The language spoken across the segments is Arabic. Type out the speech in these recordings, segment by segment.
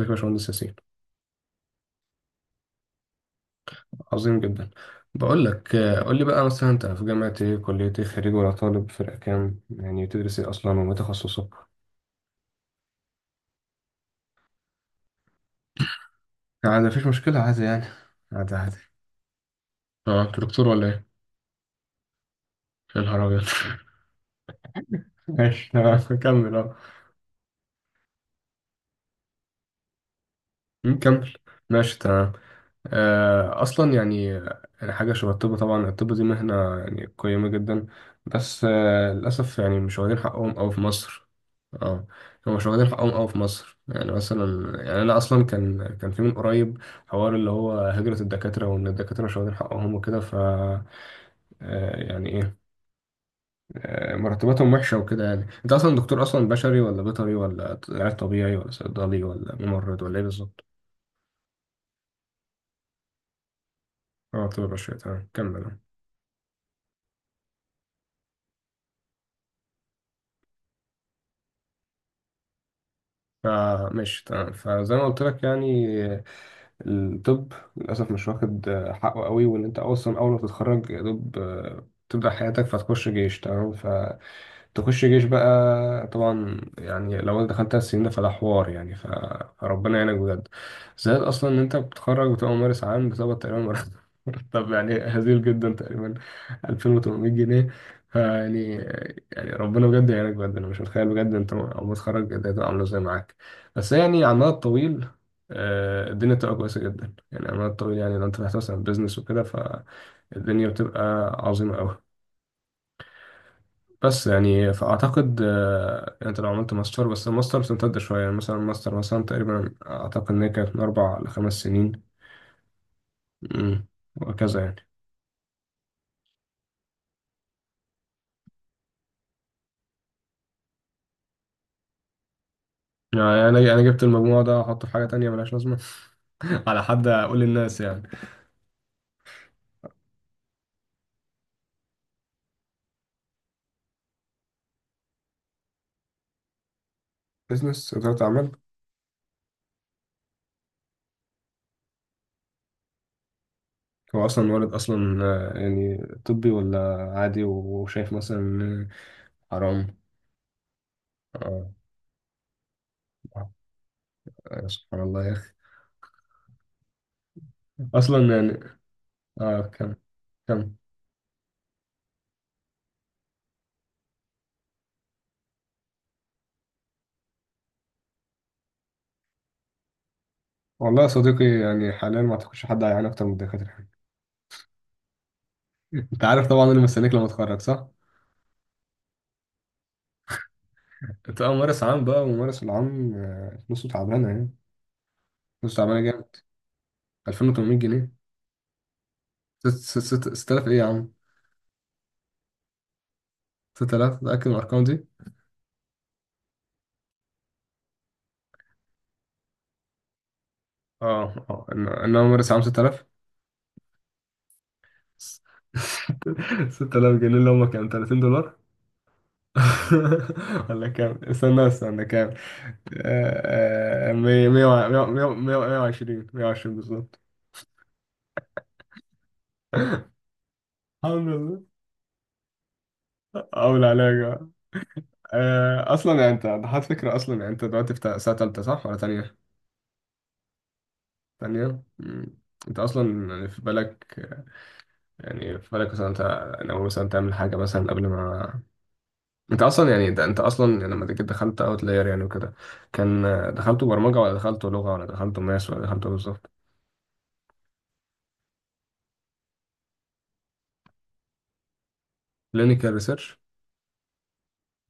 ازيك يا باشمهندس ياسين؟ عظيم جدا. بقول لك، قول لي بقى، مثلا انت في جامعة ايه، كلية ايه، خريج ولا طالب، فرقة كام، يعني بتدرس ايه اصلا، وما تخصصك؟ عادي، مفيش مشكلة، عادي يعني. عادي عادي. اه، انت دكتور ولا ايه؟ يا نهار ابيض! ماشي تمام كمل اه. كمل. ماشي تمام. اصلا يعني، يعني حاجه شبه الطب. طبعا الطب دي مهنه يعني قيمه جدا. بس للاسف يعني مش واخدين حقهم أوي في مصر. اه، هم مش واخدين حقهم أوي في مصر. يعني مثلا يعني انا اصلا كان في من قريب حوار اللي هو هجره الدكاتره، وان الدكاتره مش واخدين حقهم وكده. ف آه، يعني ايه، مرتباتهم وحشه وكده. يعني انت اصلا دكتور اصلا بشري ولا بيطري ولا علاج طبيعي ولا صيدلي ولا ممرض ولا ايه بالظبط؟ اه طب بشري، تمام كمل. فماشي تمام، فزي ما قلت لك يعني الطب للأسف مش واخد حقه قوي، وإن أنت أصلا أول ما تتخرج يا دوب تبدأ حياتك فتخش جيش. تمام ف تخش جيش بقى، طبعا يعني لو انت دخلت على السنين ده فده حوار يعني. فربنا يعينك بجد. زائد اصلا ان انت بتتخرج بتبقى ممارس عام، بتقبض تقريبا مرتب مرتب يعني هزيل جدا تقريبا، 2800 جنيه. فيعني ربنا بجد يعينك بجد. انا مش متخيل بجد انت اول ما تتخرج إيه الدنيا تبقى عامله ازاي معاك. بس يعني على المدى الطويل، الدنيا بتبقى كويسه جدا. يعني على المدى الطويل، يعني لو انت فتحت مثلا بيزنس وكده فالدنيا بتبقى عظيمه قوي. بس يعني فأعتقد يعني أنت لو عملت ماستر، بس الماستر بتمتد شوية. يعني مثلا الماستر مثلا تقريبا أعتقد إن هي كانت من 4 ل5 سنين. أمم، وهكذا يعني. يعني أنا جبت المجموع ده أحطه في حاجة تانية ملهاش لازمة؟ على حد أقول للناس يعني. بزنس، إدارة أعمال. هو أصلا والد أصلا يعني طبي ولا عادي، وشايف مثلا إن حرام؟ آه، سبحان الله يا أخي. أصلا يعني كم؟ كم؟ والله يا صديقي يعني حاليا ما أعتقدش حد هيعاني أكتر من الدكاترة. انت عارف طبعا انا مستنيك لما اتخرج صح؟ انت اه، ممارس عام بقى، وممارس العام فلوسه تعبانه يعني. فلوسه تعبانه جامد. 2800 جنيه. ست- 6000 ايه يا عم؟ 6000، متأكد من الارقام دي؟ اه، اه، إن انا ممارس عام 6000. 6000 جنيه اللي هم كام؟ 30 دولار؟ ولا كام؟ استنى استنى، كام؟ آه، آه، مية- مية وع- مية- مية- وعشرين، مية- 120. 120 بالظبط. الحمد لله. اول عليا يا جماعة. اصلا يعني انت ضحت فكره. اصلا يعني انت دلوقتي في سنه تالته صح ولا تانيه؟ تانيه. مم. انت اصلا يعني في بالك، يعني في بالك مثلا انت لو مثلا تعمل حاجه مثلا قبل ما انت اصلا يعني، ده انت اصلا يعني لما جيت دخلت اوت لاير يعني وكده، كان دخلته برمجه ولا دخلته لغه ولا دخلته ماس ولا دخلته إيه بالظبط؟ كلينيكال ريسيرش.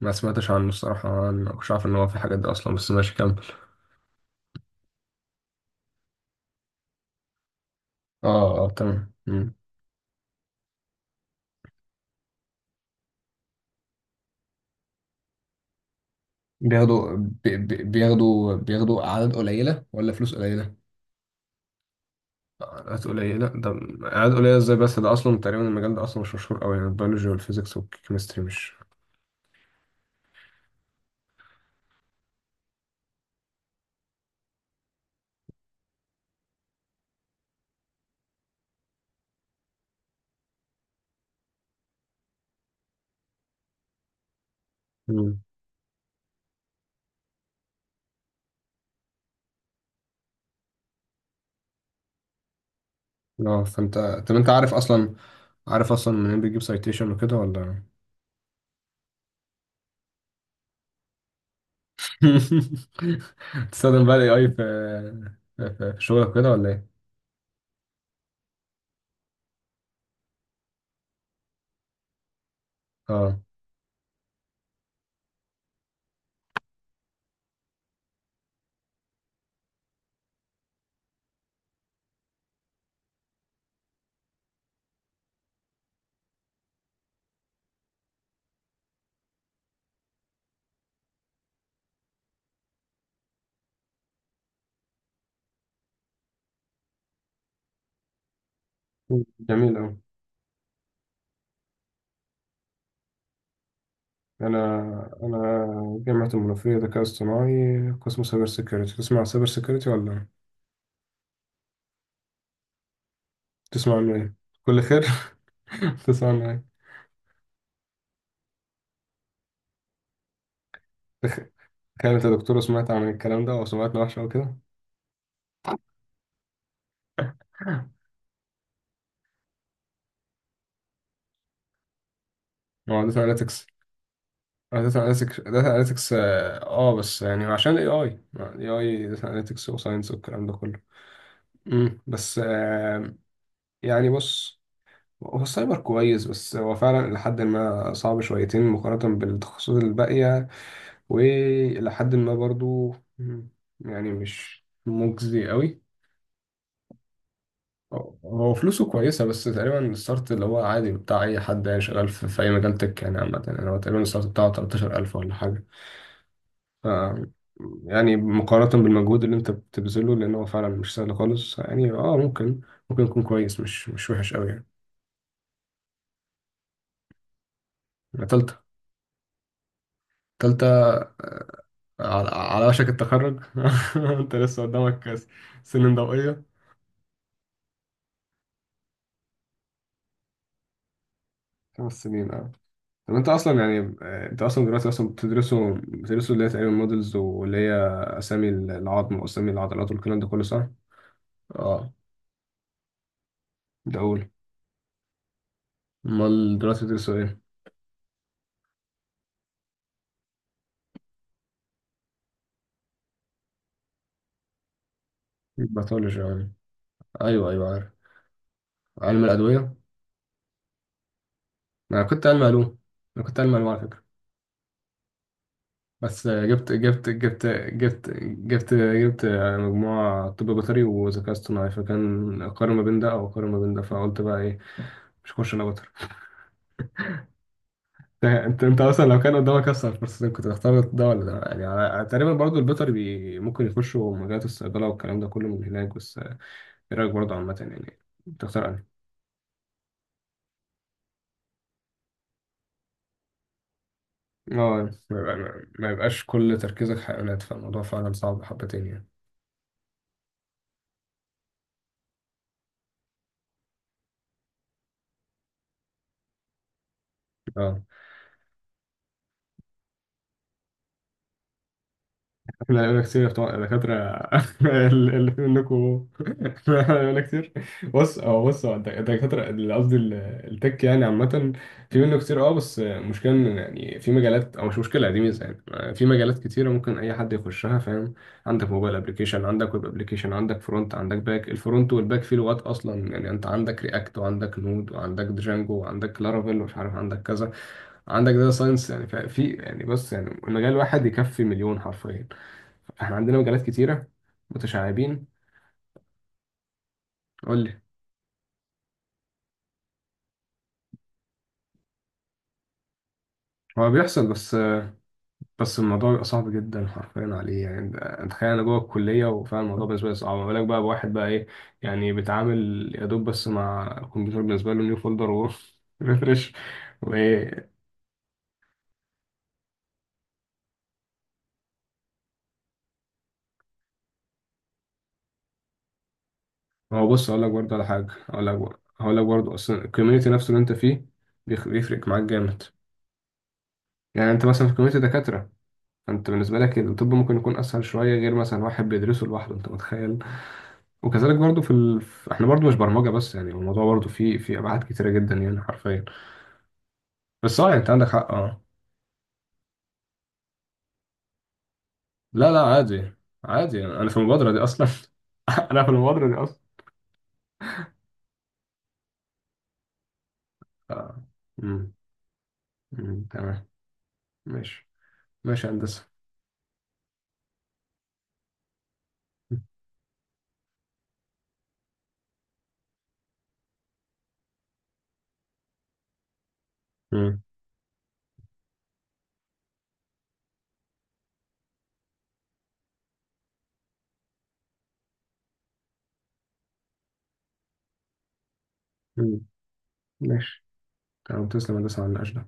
ما سمعتش عنه الصراحه، أنا ما كنتش عارف ان هو في الحاجات دي اصلا، بس ماشي كمل. اه، اه، تمام. مم. بياخدوا بي- بي- بياخدوا بياخدوا اعداد قليله ولا فلوس قليله؟ قلقات قليلة؟ لا ده قلقات قليلة ازاي؟ بس ده أصلا تقريبا المجال ده أصلا مش مشهور أوي يعني، البيولوجي والفيزيكس والكيمستري مش. مم. لا فأنت، طب أنت عارف أصلا منين بيجيب سايتيشن وكده ولا؟ تستخدم بقى ال AI في شغلك كده ولا إيه؟ اه جميل أوي. أنا أنا جامعة المنوفية ذكاء اصطناعي، قسم سايبر سيكيورتي. تسمع عن سايبر سيكيورتي ولا؟ تسمع عنه إيه؟ كل خير. تسمع عنه إيه؟ كانت الدكتورة سمعت عن الكلام ده وسمعتنا وحشة أوي كده. هو داتا اناليتكس. بس يعني عشان الاي اي داتا اناليتكس وساينس والكلام ده كله. بس يعني بص، هو السايبر كويس بس هو فعلا لحد ما صعب شويتين مقارنة بالتخصصات الباقية، وإلى حد ما برضو يعني مش مجزي قوي. هو فلوسه كويسة. بس تقريبا الستارت اللي هو عادي بتاع أي حد يعني شغال في أي مجال تك يعني، عامة يعني هو تقريبا الستارت بتاعه 13,000 ولا حاجة. ف يعني مقارنة بالمجهود اللي أنت بتبذله، لأن هو فعلا مش سهل خالص يعني. ممكن يكون كويس، مش وحش أوي يعني. يعني تالتة. تالتة، على وشك التخرج. أنت لسه قدامك سنين ضوئية. 5 سنين أه. طب انت اصلا يعني، انت اصلا دلوقتي اصلا بتدرسوا اللي هي تقريبا مودلز، واللي هي اسامي العظم واسامي العضلات والكلام ده كله صح؟ اه، ده اول. امال دلوقتي بتدرسوا ايه؟ باثولوجي يعني، ايوه ايوه عارف. علم الادويه. انا كنت علم علوم انا كنت علم علوم على فكره. بس آه، جبت جبت جبت جبت جبت جبت آه، مجموعه طب بيطري وذكاء اصطناعي، فكان اقارن ما بين ده او اقارن ما بين ده، فقلت بقى ايه؟ مش هخش انا. انت اصلا لو كان قدامك اصلا الفرصتين كنت تختار ده ولا ده يعني؟ تقريبا برضو البيطري، ممكن يخشوا مجالات الصيدله والكلام ده كله من هناك، بس ايه رايك برضو عامه يعني؟ تختار انهي؟ اه، ما يبقاش كل تركيزك حيوانات، فالموضوع فعلا صعب حبتين يعني. اه، لا يقول لك كتير بتوع الدكاترة اللي في منكم. لا يقول لك كتير. بص هو، الدكاترة اللي قصدي التك يعني عامة، في منه كتير. اه، بس المشكلة إن يعني في مجالات، أو مش مشكلة، دي ميزة يعني، في مجالات كتيرة ممكن أي حد يخشها فاهم. عندك موبايل أبلكيشن، عندك ويب أبلكيشن، عندك فرونت، عندك باك. الفرونت والباك فيه لغات أصلا يعني، أنت عندك رياكت وعندك نود وعندك دجانجو وعندك لارافيل ومش عارف عندك كذا. عندك داتا ساينس يعني. ففي يعني بص يعني المجال الواحد يكفي مليون حرفيا. احنا عندنا مجالات كتيرة متشعبين. قول لي. هو بيحصل بس، الموضوع بيبقى صعب جدا حرفيا عليه. يعني انت تخيل انا جوه الكليه وفعلا الموضوع بالنسبه لي صعب، ما بالك بقى بواحد بقى، ايه يعني بيتعامل يا دوب بس مع الكمبيوتر، بالنسبه له نيو فولدر وريفرش وايه. هو بص اقول لك برضه على حاجه، اقول لك برضه، هقول لك برضه اصلا الكوميونتي نفسه اللي انت فيه بيفرق معاك جامد. يعني انت مثلا في كوميونتي دكاتره، انت بالنسبه لك الطب ممكن يكون اسهل شويه غير مثلا واحد بيدرسه لوحده، انت متخيل؟ وكذلك برضو احنا برضو مش برمجة بس، يعني الموضوع برضو فيه ابعاد كتيرة جدا يعني حرفيا. بس اه يعني انت عندك حق. اه، لا لا عادي. عادي انا في المبادرة دي اصلا. انا في المبادرة دي اصلا. آه. مم. مم. تمام ماشي. ماشي يا هندسة. مم. مم. ماشي تمام. تسلم يا هندسة على النقاش ده.